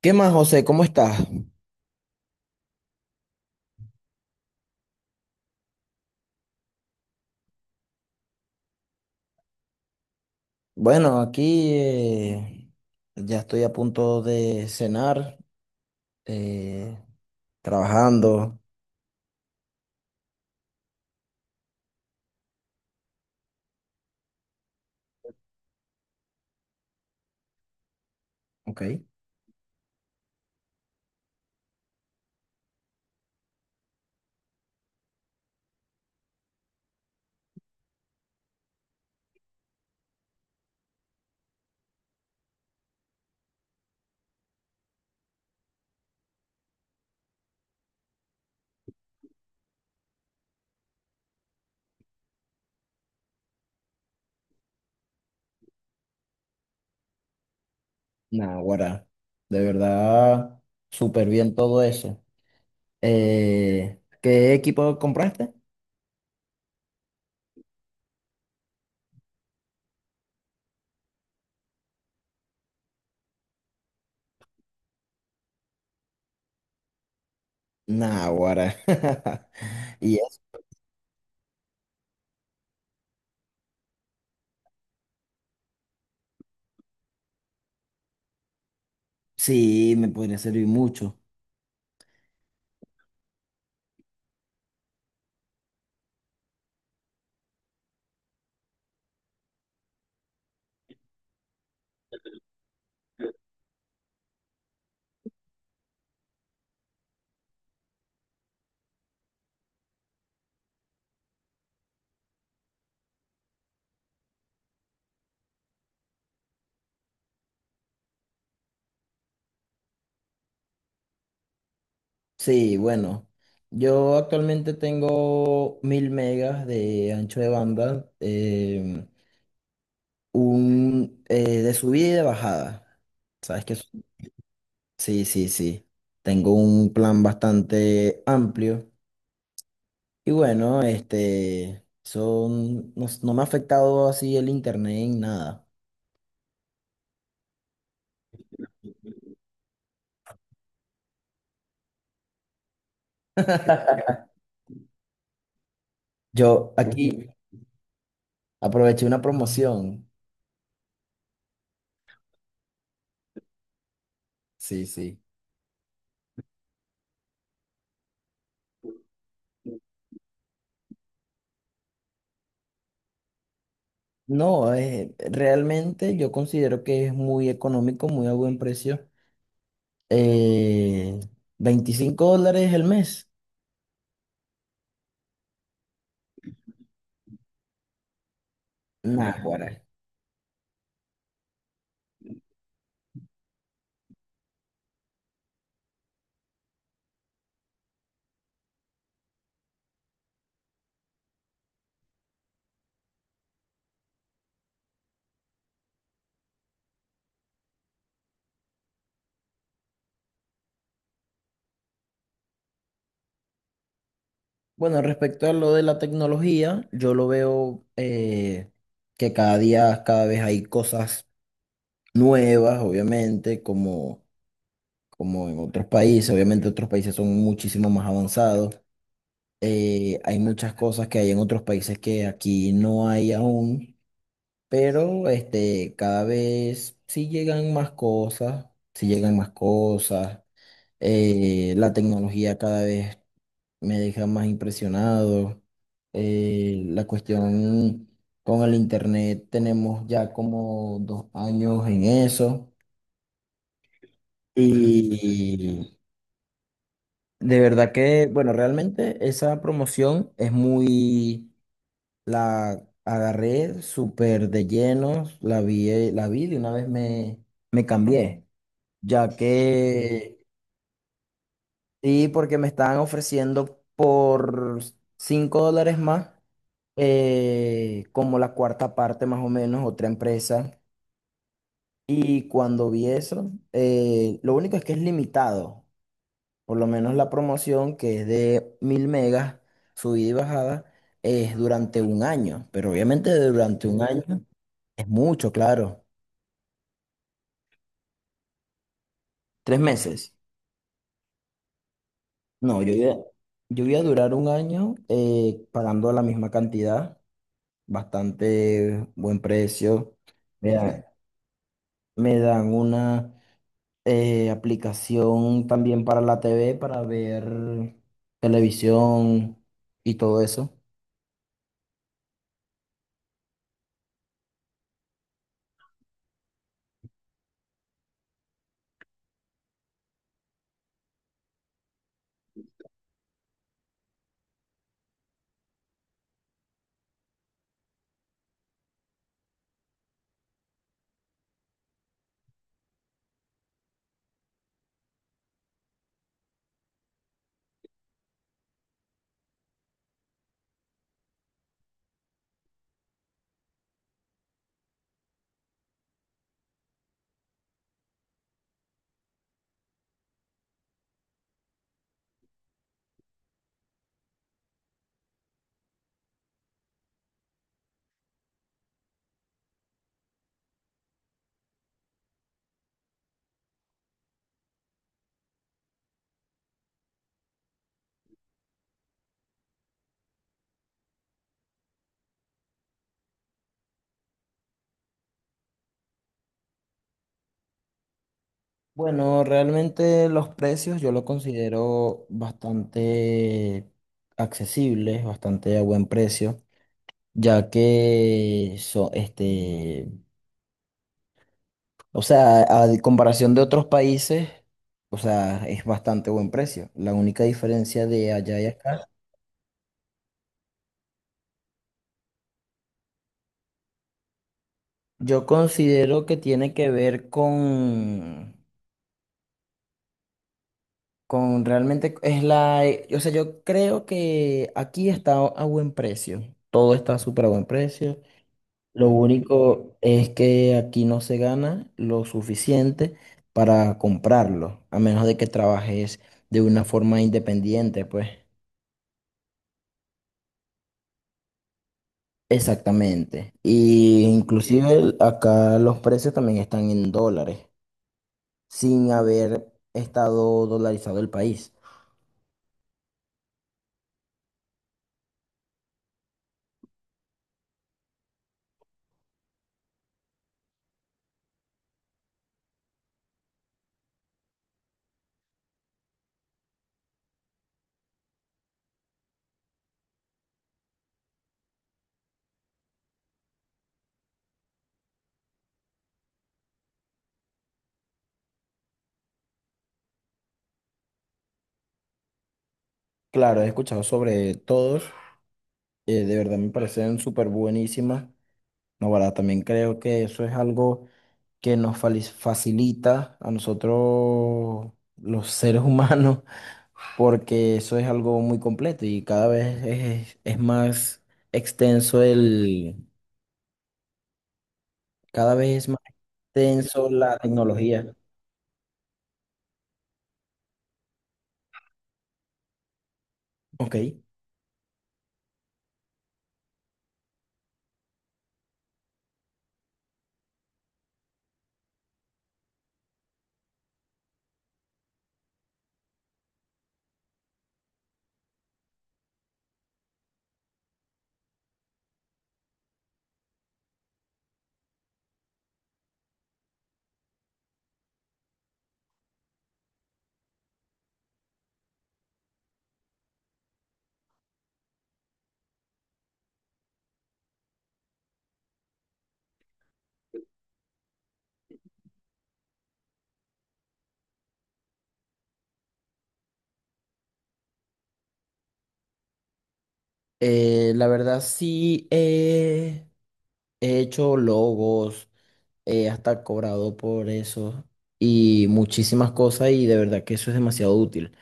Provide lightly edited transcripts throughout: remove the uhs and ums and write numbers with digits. ¿Qué más, José? ¿Cómo estás? Bueno, aquí ya estoy a punto de cenar, eh, trabajando. Ok. Naguará, de verdad, súper bien todo eso. ¿Qué equipo compraste? Naguará. Y eso, sí, me podría servir mucho. Sí, bueno, yo actualmente tengo 1000 megas de ancho de banda. Em, un De subida y de bajada. ¿Sabes qué es? Sí, sí. Tengo un plan bastante amplio. Y bueno, este, no me ha afectado así el internet en nada. Yo aquí aproveché una promoción. Sí, sí. No, realmente yo considero que es muy económico, muy a buen precio. Eh, 25 dólares el mes. Nah. Bueno, respecto a lo de la tecnología, yo lo veo que cada vez hay cosas nuevas, obviamente, como en otros países. Obviamente otros países son muchísimo más avanzados. Hay muchas cosas que hay en otros países que aquí no hay aún, pero este, cada vez sí llegan más cosas, sí llegan más cosas. La tecnología cada vez me deja más impresionado. La cuestión con el internet, tenemos ya como dos años en eso. Y de verdad que, bueno, realmente esa promoción es muy, la agarré súper de lleno, la vi de una vez me cambié, ya que, sí, porque me estaban ofreciendo por $5 más como la cuarta parte más o menos, otra empresa. Y cuando vi eso, lo único es que es limitado, por lo menos la promoción que es de 1000 megas, subida y bajada, es durante un año, pero obviamente durante un año es mucho, claro. Tres meses. No, yo iba, yo voy a durar un año pagando la misma cantidad, bastante buen precio. Me dan, me dan una... aplicación también para la TV, para ver televisión y todo eso. Bueno, realmente los precios yo lo considero bastante accesibles, bastante a buen precio, este, o sea, a comparación de otros países, o sea, es bastante buen precio. La única diferencia de allá y acá, yo considero que tiene que ver con... Con realmente es la, o sea, yo creo que aquí está a buen precio. Todo está súper a buen precio. Lo único es que aquí no se gana lo suficiente para comprarlo, a menos de que trabajes de una forma independiente, pues. Exactamente. Y inclusive acá los precios también están en dólares, sin haber estado dolarizado el país. Claro, he escuchado sobre todos. De verdad me parecen súper buenísimas. No, verdad, también creo que eso es algo que nos facilita a nosotros los seres humanos, porque eso es algo muy completo y cada vez es más extenso el, cada vez es más extenso la tecnología. Ok. La verdad sí, he hecho logos, hasta cobrado por eso y muchísimas cosas y de verdad que eso es demasiado útil.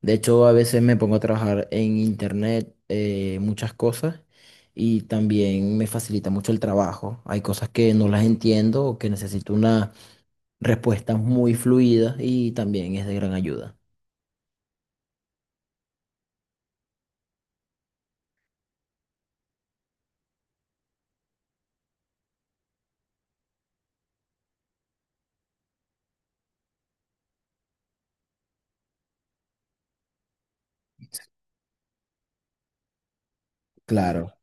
De hecho, a veces me pongo a trabajar en internet muchas cosas y también me facilita mucho el trabajo. Hay cosas que no las entiendo o que necesito una respuesta muy fluida y también es de gran ayuda. Claro.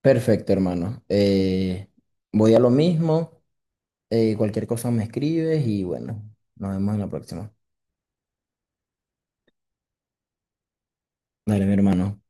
Perfecto, hermano. Voy a lo mismo. Cualquier cosa me escribes y bueno, nos vemos en la próxima. Dale, mi hermano.